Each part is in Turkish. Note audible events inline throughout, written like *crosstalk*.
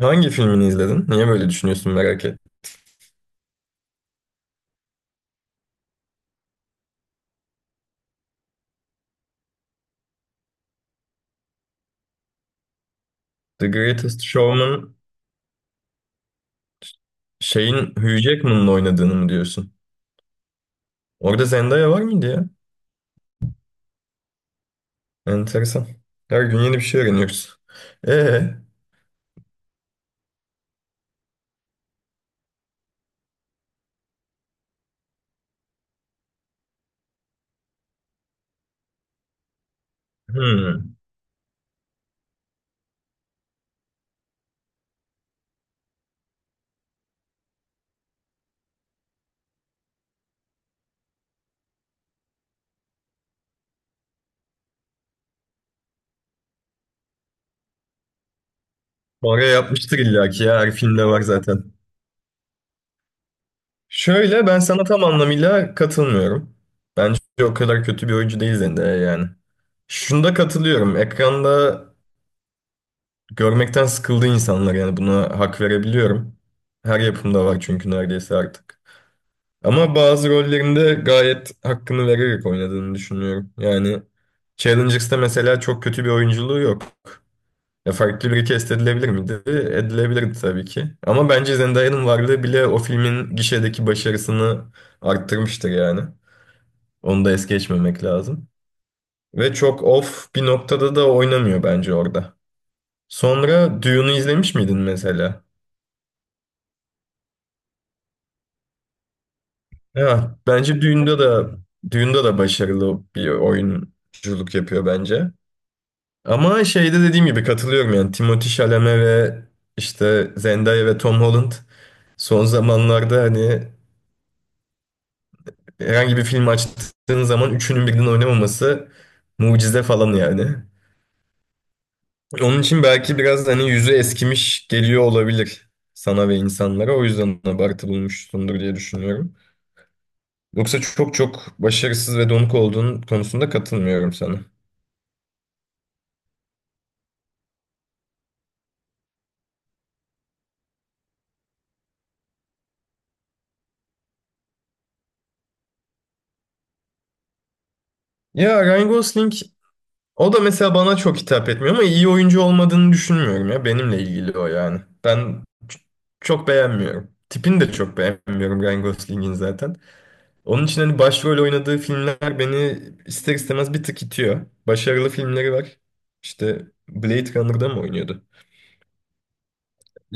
Hangi filmini izledin? Niye böyle düşünüyorsun merak et. The Greatest Showman şeyin Hugh Jackman'ın oynadığını mı diyorsun? Orada Zendaya var mıydı ya? Enteresan. Her gün yeni bir şey öğreniyoruz. Ee, hmm. Oraya yapmıştır illaki ya her filmde var zaten. Şöyle ben sana tam anlamıyla katılmıyorum. Bence o kadar kötü bir oyuncu değil Zendaya yani. Şunda katılıyorum. Ekranda görmekten sıkıldı insanlar, yani buna hak verebiliyorum. Her yapımda var çünkü neredeyse artık. Ama bazı rollerinde gayet hakkını vererek oynadığını düşünüyorum. Yani Challengers'ta mesela çok kötü bir oyunculuğu yok. Ya farklı bir cast edilebilir miydi? Edilebilirdi tabii ki. Ama bence Zendaya'nın varlığı bile o filmin gişedeki başarısını arttırmıştır yani. Onu da es geçmemek lazım. Ve çok off bir noktada da oynamıyor bence orada. Sonra Dune'u izlemiş miydin mesela? Ya, bence Dune'da da başarılı bir oyunculuk yapıyor bence. Ama şeyde dediğim gibi katılıyorum, yani Timothée Chalamet ve işte Zendaya ve Tom Holland son zamanlarda hani herhangi bir film açtığın zaman üçünün birden oynamaması mucize falan yani. Onun için belki biraz hani yüzü eskimiş geliyor olabilir sana ve insanlara. O yüzden abartı bulmuşsundur diye düşünüyorum. Yoksa çok çok başarısız ve donuk olduğun konusunda katılmıyorum sana. Ya Ryan Gosling, o da mesela bana çok hitap etmiyor ama iyi oyuncu olmadığını düşünmüyorum ya. Benimle ilgili o yani. Çok beğenmiyorum. Tipini de çok beğenmiyorum Ryan Gosling'in zaten. Onun için hani başrol oynadığı filmler beni ister istemez bir tık itiyor. Başarılı filmleri var. İşte Blade Runner'da mı oynuyordu?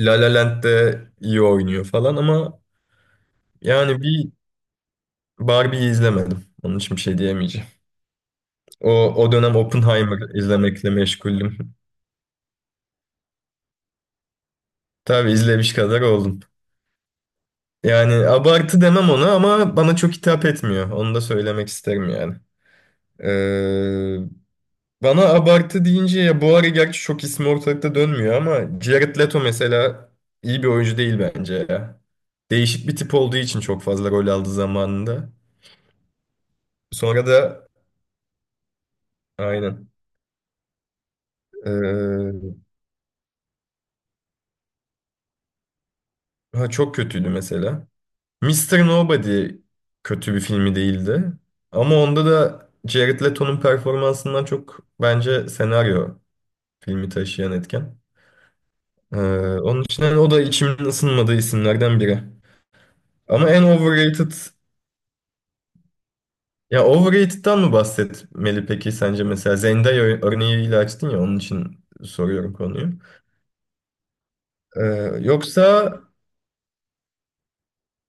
La La Land'de iyi oynuyor falan ama yani bir. Barbie'yi izlemedim. Onun için bir şey diyemeyeceğim. O, o dönem Oppenheimer izlemekle meşguldüm. *laughs* Tabii izlemiş kadar oldum. Yani abartı demem ona ama bana çok hitap etmiyor. Onu da söylemek isterim yani. Ee, Bana abartı deyince ya, bu ara gerçi çok ismi ortalıkta dönmüyor ama Jared Leto mesela iyi bir oyuncu değil bence ya. Değişik bir tip olduğu için çok fazla rol aldı zamanında. Sonra da. Aynen. Ee, ha, çok kötüydü mesela. Mister Nobody kötü bir filmi değildi. Ama onda da Jared Leto'nun performansından çok bence senaryo, filmi taşıyan etken. Ee, Onun için hani o da içimin ısınmadığı isimlerden biri. Ama en overrated... Ya overrated'tan mı bahsetmeli peki sence mesela? Zendaya örneğiyle açtın ya onun için soruyorum konuyu. Ee, yoksa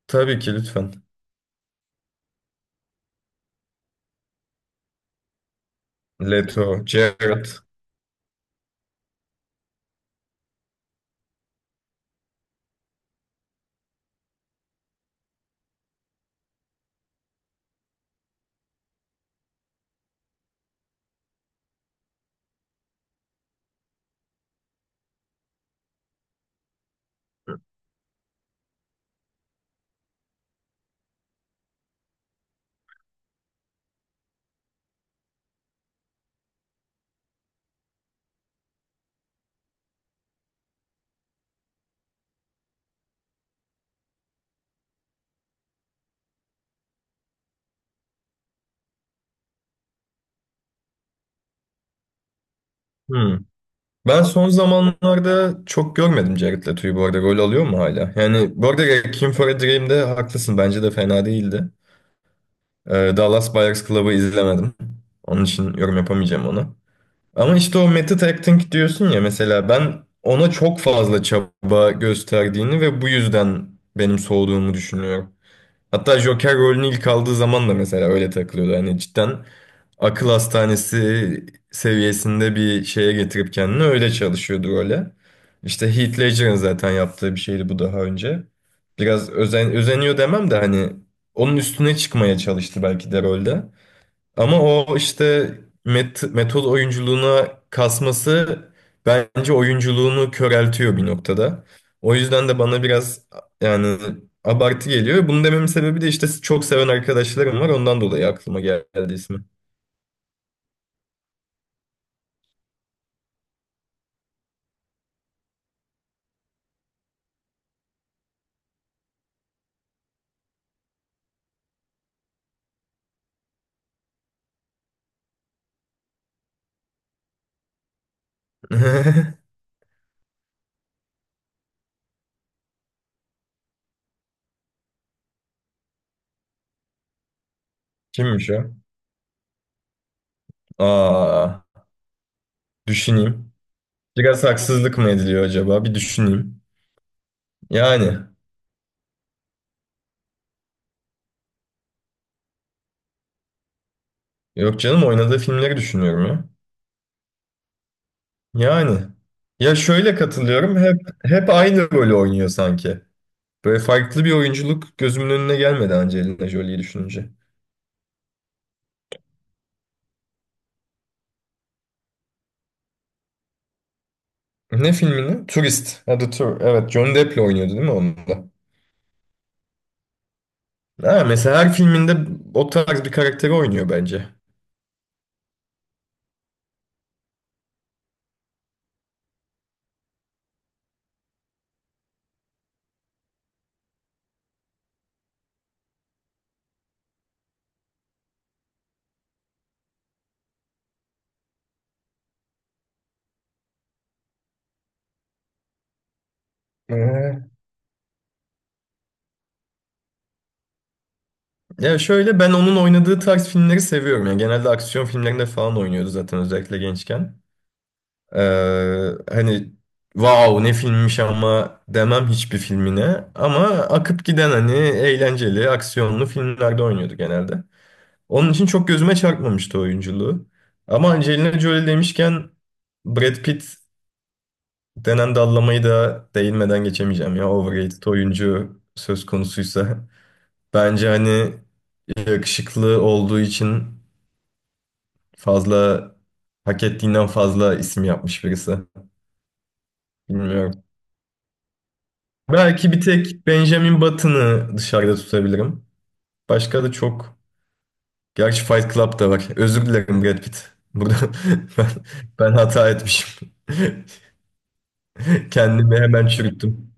tabii ki lütfen. Leto, Jared. Hmm. Ben son zamanlarda çok görmedim Jared Leto'yu bu arada. Rol alıyor mu hala? Yani bu arada Requiem for a Dream'de haklısın. Bence de fena değildi. Dallas Buyers Club'ı izlemedim. Onun için yorum yapamayacağım ona. Ama işte o method acting diyorsun ya, mesela ben ona çok fazla çaba gösterdiğini ve bu yüzden benim soğuduğumu düşünüyorum. Hatta Joker rolünü ilk aldığı zaman da mesela öyle takılıyordu. Hani cidden akıl hastanesi seviyesinde bir şeye getirip kendini öyle çalışıyordu role. İşte Heath Ledger'ın zaten yaptığı bir şeydi bu daha önce. Biraz özeniyor demem de hani onun üstüne çıkmaya çalıştı belki de rolde. Ama o işte metod oyunculuğuna kasması bence oyunculuğunu köreltiyor bir noktada. O yüzden de bana biraz, yani abartı geliyor. Bunu dememin sebebi de işte çok seven arkadaşlarım var. Ondan dolayı aklıma geldi ismi. *laughs* Kimmiş o? Aa, düşüneyim. Biraz haksızlık mı ediliyor acaba? Bir düşüneyim. Yani yok canım, oynadığı filmleri düşünüyorum ya. Yani ya şöyle, katılıyorum, hep aynı rolü oynuyor sanki. Böyle farklı bir oyunculuk gözümün önüne gelmedi Angelina Jolie'yi düşününce. Ne filmini? Turist. Ha, The Tour. Evet, John Depp'le oynuyordu değil mi onda? Ha, mesela her filminde o tarz bir karakteri oynuyor bence. Ee, Ya şöyle ben onun oynadığı tarz filmleri seviyorum. Yani genelde aksiyon filmlerinde falan oynuyordu zaten, özellikle gençken. Hani wow ne filmmiş ama demem hiçbir filmine. Ama akıp giden hani eğlenceli aksiyonlu filmlerde oynuyordu genelde. Onun için çok gözüme çarpmamıştı oyunculuğu. Ama Angelina Jolie demişken Brad Pitt denen dallamayı da değinmeden geçemeyeceğim ya. Overrated oyuncu söz konusuysa. Bence hani yakışıklı olduğu için fazla, hak ettiğinden fazla isim yapmış birisi. Bilmiyorum. Belki bir tek Benjamin Button'ı dışarıda tutabilirim. Başka da çok. Gerçi Fight Club da var. Özür dilerim Brad Pitt. Burada *laughs* ben, ben hata etmişim. *laughs* Kendimi hemen çürüttüm.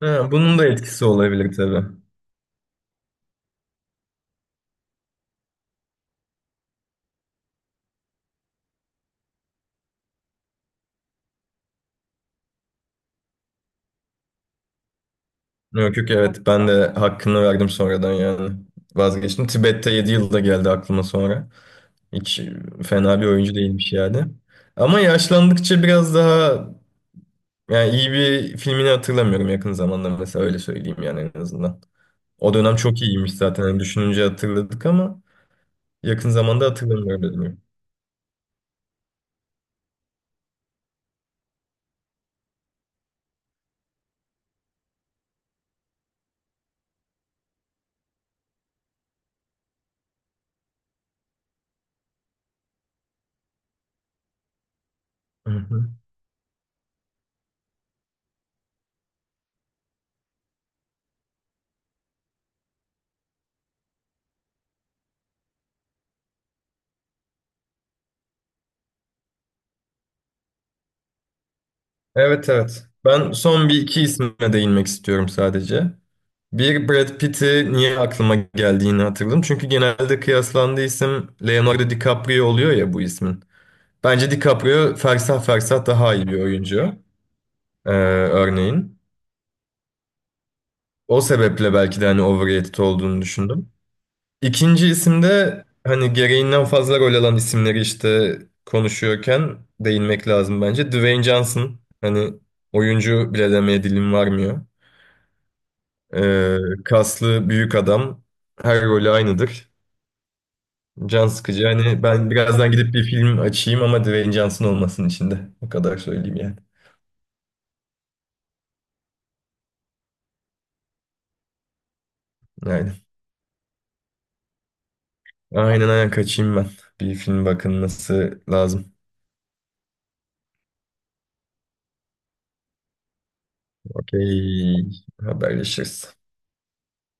Ha, bunun da etkisi olabilir tabii. Yok yok, evet, ben de hakkını verdim sonradan yani. Vazgeçtim. Tibet'te 7 yılda geldi aklıma sonra. Hiç fena bir oyuncu değilmiş yani. Ama yaşlandıkça biraz daha, yani iyi bir filmini hatırlamıyorum yakın zamanda mesela, öyle söyleyeyim yani, en azından. O dönem çok iyiymiş zaten. Yani düşününce hatırladık ama yakın zamanda hatırlamıyorum dedim. Hı hı. Evet evet. Ben son bir iki isme değinmek istiyorum sadece. Bir, Brad Pitt'i niye aklıma geldiğini hatırladım. Çünkü genelde kıyaslandığı isim Leonardo DiCaprio oluyor ya bu ismin. Bence DiCaprio fersah fersah daha iyi bir oyuncu, örneğin. O sebeple belki de hani overrated olduğunu düşündüm. İkinci isimde hani gereğinden fazla rol alan isimleri işte konuşuyorken değinmek lazım bence. Dwayne Johnson hani, oyuncu bile demeye dilim varmıyor. Ee, Kaslı büyük adam, her rolü aynıdır. Can sıkıcı. Hani ben birazdan gidip bir film açayım ama Dwayne Johnson olmasın içinde. O kadar söyleyeyim yani. Aynen. Aynen, aynen, kaçayım ben. Bir film bakılması lazım. Okey. Haberleşiriz.